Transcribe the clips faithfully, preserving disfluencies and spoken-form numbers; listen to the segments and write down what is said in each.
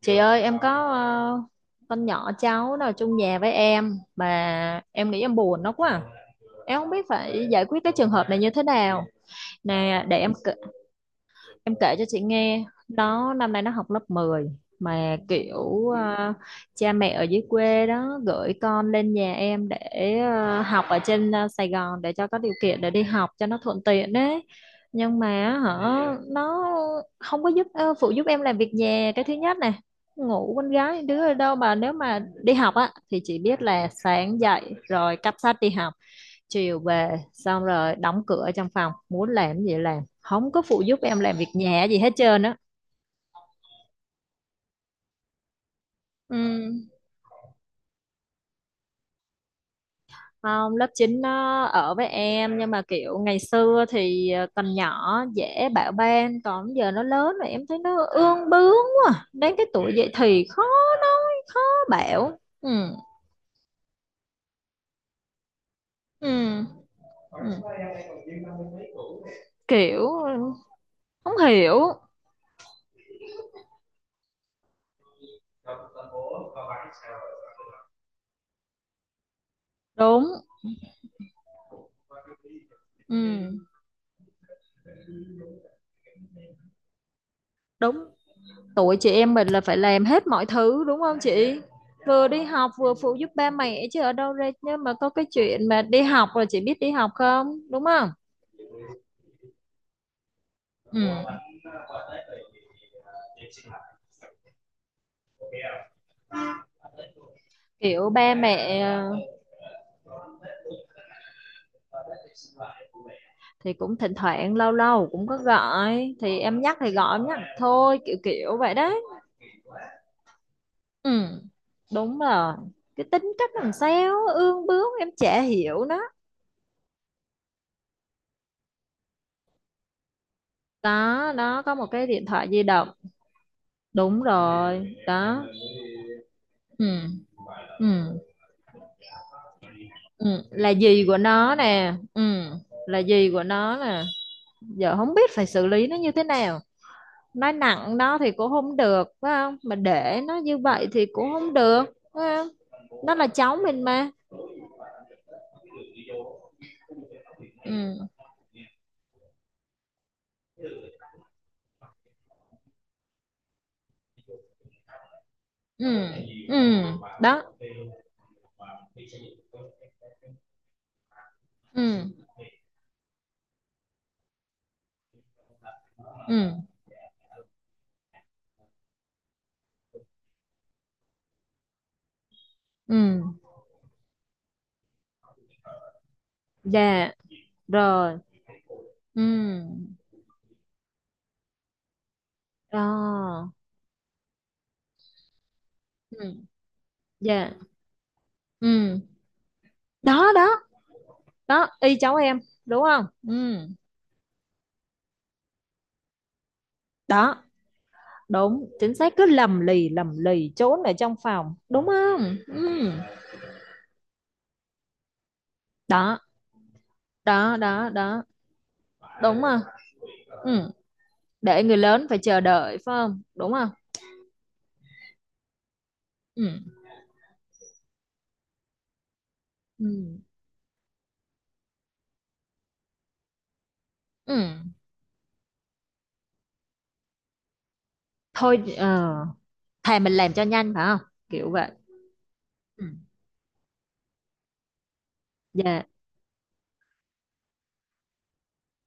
Chị ơi, em có ờ, con nhỏ cháu nó ở chung nhà với em mà em nghĩ em buồn nó quá à. Em không biết phải giải quyết cái trường hợp này như thế nào. Nè để em kể- Em kể cho chị nghe, nó năm nay nó học lớp mười, mà kiểu à, cha mẹ ở dưới quê đó gửi con lên nhà em để à, học ở trên à, Sài Gòn để cho có điều kiện để đi học cho nó thuận tiện đấy. Nhưng mà hả, nó không có giúp ờ, phụ giúp em làm việc nhà, cái thứ nhất này. Ngủ con gái đứa ở đâu mà nếu mà đi học á, thì chỉ biết là sáng dậy rồi cắp sách đi học, chiều về xong rồi đóng cửa trong phòng muốn làm gì làm, không có phụ giúp em làm việc nhà gì hết trơn á ừ. Không, lớp chín nó ở với em, nhưng mà kiểu ngày xưa thì ờ, còn nhỏ dễ bạo ban, còn giờ nó lớn rồi em thấy nó ương bướng quá, đến cái tuổi dậy thì khó nói khó bảo ừ. Ừ. Ừ. Kiểu ừ, không hiểu. Đúng. Ừ. Đúng, tuổi chị em mình là phải làm hết mọi thứ đúng không chị, vừa đi học vừa phụ giúp ba mẹ chứ ở đâu ra. Nhưng mà có cái chuyện mà đi học rồi, chị biết đi học không đúng không. Ừ. Kiểu ba mẹ ờ, thì cũng thỉnh thoảng lâu lâu cũng có gọi, thì em nhắc thì gọi, em nhắc thôi, kiểu kiểu vậy đấy. Ừ. Đúng rồi, cái tính cách làm sao ương bướng em chả hiểu nó. Đó đó, có một cái điện thoại di động. Đúng rồi đó. Ừ. Ừ. Ừ, là gì của nó nè. ừ, là gì của nó nè. Giờ không biết phải xử lý nó như thế nào, nói nặng nó thì cũng không được phải không, mà để nó như vậy thì cũng không được, phải không, nó là cháu mình mà. Ừ. Ừ. Ừ. Đó. Ừ. Ừ. Ừ. Dạ rồi. Ừ. Đó. Ừ. Dạ. Ừ. Đó đó đó, y cháu em, đúng không. Ừ. Đó đúng chính xác, cứ lầm lì lầm lì trốn ở trong phòng, đúng không. Ừ. Đó đó đó đó, đúng không. Ừ. Để người lớn phải chờ đợi phải không, đúng không. Ừ. Ừ. Ừ. thôi ờ, thà mình làm cho nhanh phải không, kiểu vậy. Ừ. Dạ.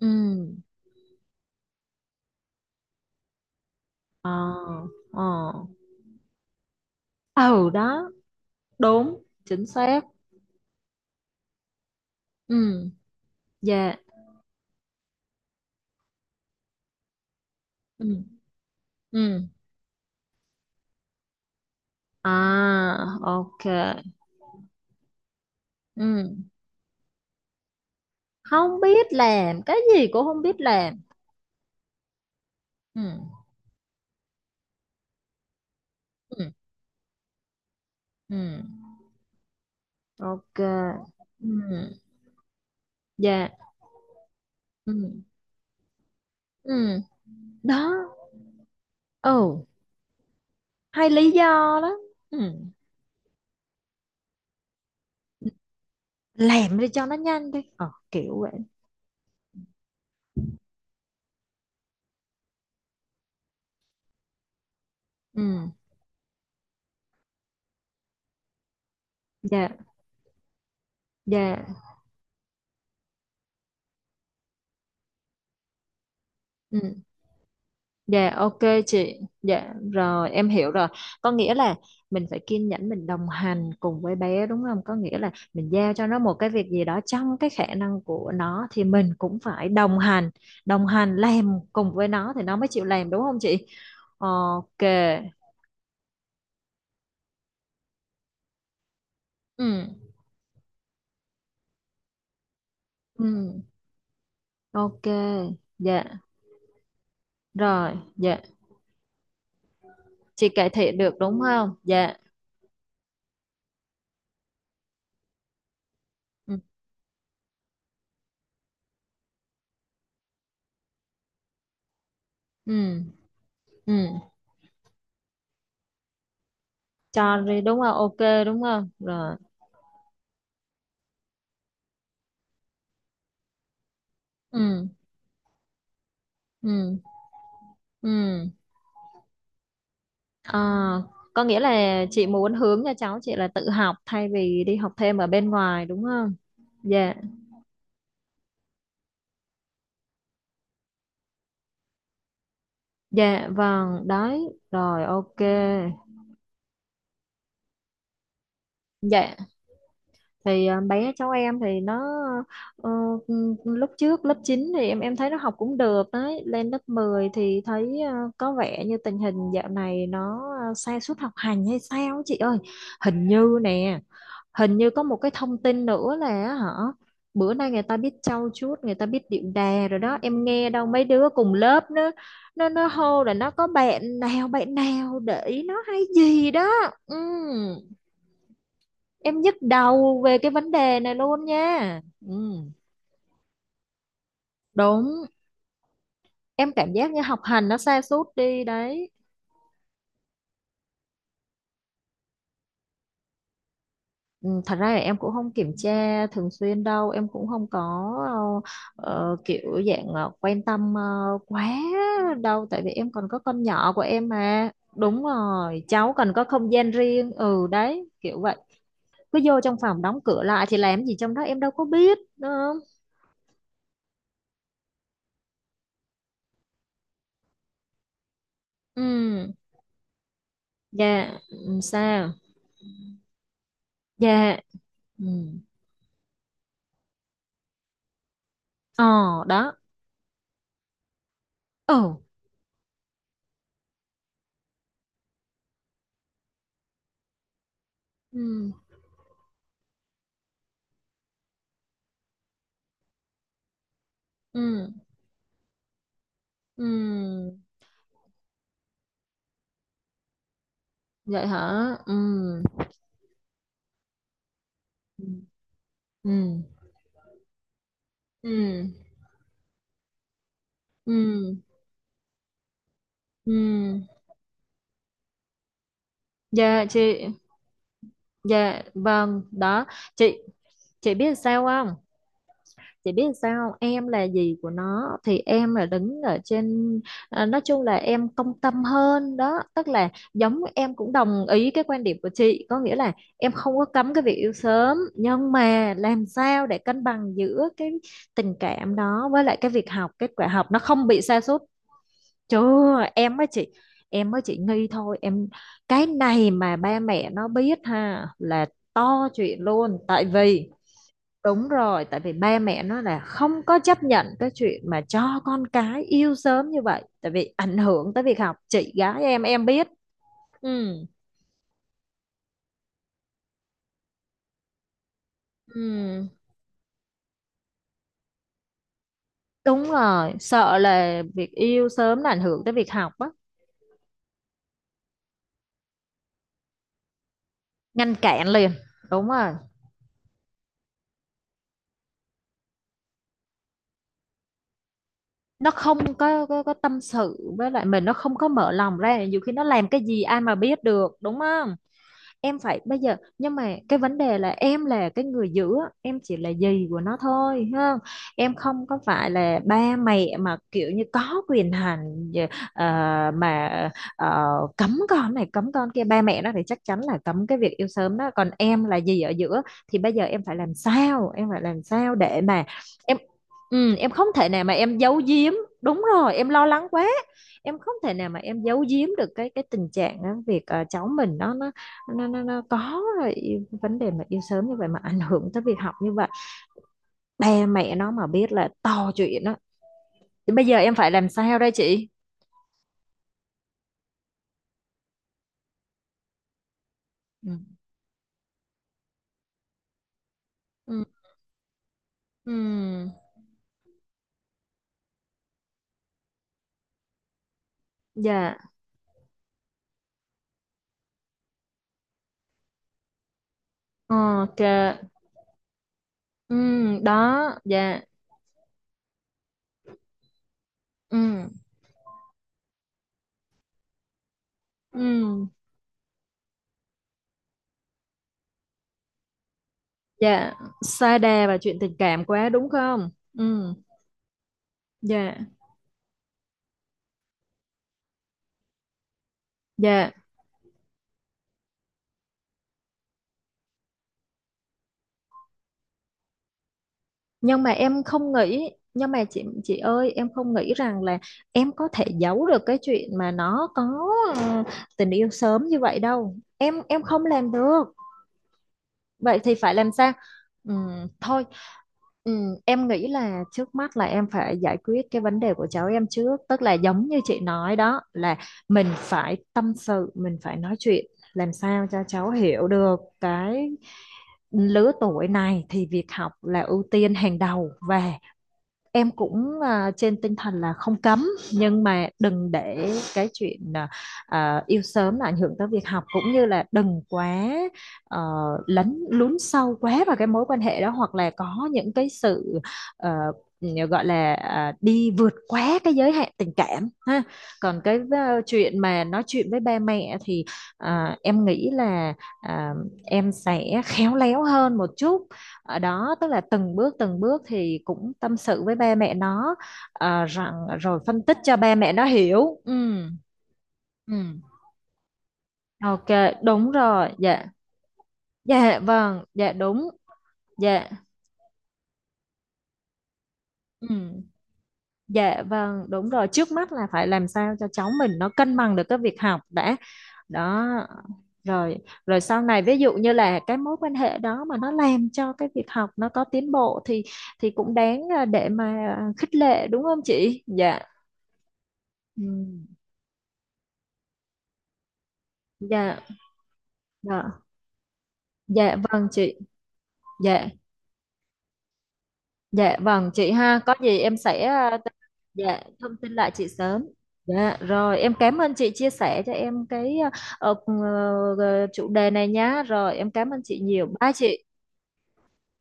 Ừ. Ờ. Ờ. Ừ. Đó, đúng chính xác. Ừ. Dạ. Ừ. Ừ. À. Ok. Ừ, không biết làm cái gì cũng không biết làm. Ừ. Ừ. Ừ. Ok. Ừ. Dạ. Ừ. Ừ. Đó. Ừ. Hay lý do. Đó. Ừ. Làm đi cho nó nhanh đi, ờ kiểu vậy. Ừ. Dạ. Dạ. Ừ. Dạ ok. Chị, dạ rồi em hiểu rồi, có nghĩa là mình phải kiên nhẫn, mình đồng hành cùng với bé đúng không, có nghĩa là mình giao cho nó một cái việc gì đó trong cái khả năng của nó, thì mình cũng phải đồng hành, đồng hành làm cùng với nó thì nó mới chịu làm, đúng không chị. Ok. Ừ. Ừ. Ok. Dạ rồi. Dạ, chị cải thiện được đúng không. Dạ. Ừ. Ừ. Ừ. Cho đi đúng không, ok đúng không, rồi. Ừ. Ừ. Ừ. à, có nghĩa là chị muốn hướng cho cháu chị là tự học thay vì đi học thêm ở bên ngoài đúng không. Dạ. Dạ vâng, đấy rồi ok. Dạ, thì à, bé cháu em thì nó ờ, ừ, lúc trước lớp chín thì em em thấy nó học cũng được đấy, lên lớp mười thì thấy à, có vẻ như tình hình dạo này nó à, sa sút học hành hay sao á chị ơi. Hình như nè, hình như có một cái thông tin nữa là á hả, bữa nay người ta biết trau chuốt, người ta biết điệu đà rồi đó, em nghe đâu mấy đứa cùng lớp nó, nó nó hô là nó có bạn nào bạn nào để ý nó hay gì đó. Ừ, em nhức đầu về cái vấn đề này luôn nha. ừ, đúng, em cảm giác như học hành nó sa sút đi đấy. ừ, thật ra là em cũng không kiểm tra thường xuyên đâu, em cũng không có ờ, ờ, kiểu dạng ờ, quan tâm ờ, quá đâu, tại vì em còn có con nhỏ của em mà. Đúng rồi, cháu cần có không gian riêng, ừ đấy kiểu vậy. Cứ vô trong phòng đóng cửa lại thì làm gì trong đó em đâu có biết, đúng không. Ừ. Dạ. ừ, sao. Dạ. Ừ. Ờ. Đó. Ừ. Ừ. Ừ. Ừ. Vậy hả? Ừ. Ừ. Ừ. Ừ. Ừ. Ừ. Dạ chị. Dạ vâng, đó. Chị chị biết sao không? Chị biết sao không? Em là gì của nó thì em là đứng ở trên, à, nói chung là em công tâm hơn đó, tức là giống em cũng đồng ý cái quan điểm của chị, có nghĩa là em không có cấm cái việc yêu sớm, nhưng mà làm sao để cân bằng giữa cái tình cảm đó với lại cái việc học, kết quả học nó không bị sa sút. Chưa, em mới chị em mới chị nghi thôi em. Cái này mà ba mẹ nó biết ha, là to chuyện luôn, tại vì. Đúng rồi, tại vì ba mẹ nó là không có chấp nhận cái chuyện mà cho con cái yêu sớm như vậy, tại vì ảnh hưởng tới việc học, chị gái em em biết. Ừ. Ừ, đúng rồi, sợ là việc yêu sớm là ảnh hưởng tới việc học á. Ngăn cản liền. Đúng rồi, nó không có, có có tâm sự với lại mình, nó không có mở lòng ra, nhiều khi nó làm cái gì ai mà biết được, đúng không? Em phải bây giờ, nhưng mà cái vấn đề là em là cái người giữ, em chỉ là dì của nó thôi ha, em không có phải là ba mẹ mà kiểu như có quyền hành ờ, ờ, mà ờ, cấm con này cấm con kia, ba mẹ nó thì chắc chắn là cấm cái việc yêu sớm đó, còn em là dì ở giữa, thì bây giờ em phải làm sao, em phải làm sao để mà em, ừ, em không thể nào mà em giấu giếm. Đúng rồi em lo lắng quá, em không thể nào mà em giấu giếm được cái cái tình trạng á, việc ờ, cháu mình nó nó nó, nó, nó có rồi, vấn đề mà yêu sớm như vậy mà ảnh hưởng tới việc học như vậy, ba mẹ nó mà biết là to chuyện đó, thì bây giờ em phải làm sao đây chị. Ừ. Ừ. Ừ. Dạ ok. Ừ. Đó. Dạ. Ừ. Ừ. Dạ, sa đà và chuyện tình cảm quá đúng không. Ừ. Dạ. Dạ, nhưng mà em không nghĩ, nhưng mà chị chị ơi em không nghĩ rằng là em có thể giấu được cái chuyện mà nó có ờ, tình yêu sớm như vậy đâu, em em không làm được, vậy thì phải làm sao. Ừm, thôi, ừm, em nghĩ là trước mắt là em phải giải quyết cái vấn đề của cháu em trước, tức là giống như chị nói đó, là mình phải tâm sự, mình phải nói chuyện, làm sao cho cháu hiểu được, cái lứa tuổi này thì việc học là ưu tiên hàng đầu, và em cũng à, trên tinh thần là không cấm, nhưng mà đừng để cái chuyện à, à, yêu sớm là ảnh hưởng tới việc học, cũng như là đừng quá ờ, lấn lún sâu quá vào cái mối quan hệ đó, hoặc là có những cái sự ờ, gọi là à, đi vượt quá cái giới hạn tình cảm ha. Còn cái ờ, chuyện mà nói chuyện với ba mẹ thì à, em nghĩ là à, em sẽ khéo léo hơn một chút ở đó, tức là từng bước từng bước thì cũng tâm sự với ba mẹ nó, à, rằng, rồi phân tích cho ba mẹ nó hiểu. Ừ. Ừ. Ok, đúng rồi. Dạ. Dạ vâng, dạ đúng. Dạ. Ừ. Dạ vâng, đúng rồi, trước mắt là phải làm sao cho cháu mình nó cân bằng được cái việc học đã. Đó, rồi, rồi sau này, ví dụ như là cái mối quan hệ đó mà nó làm cho cái việc học nó có tiến bộ, thì thì cũng đáng à, để mà à, khích lệ, đúng không chị. Dạ. Ừ. Dạ. Dạ. Dạ vâng chị. Dạ. Dạ vâng chị ha, có gì em sẽ ờ, t- dạ thông tin lại chị sớm. Dạ rồi, em cảm ơn chị chia sẻ cho em cái ờ, ờ, ờ, chủ đề này nhá, rồi em cảm ơn chị nhiều, bye chị.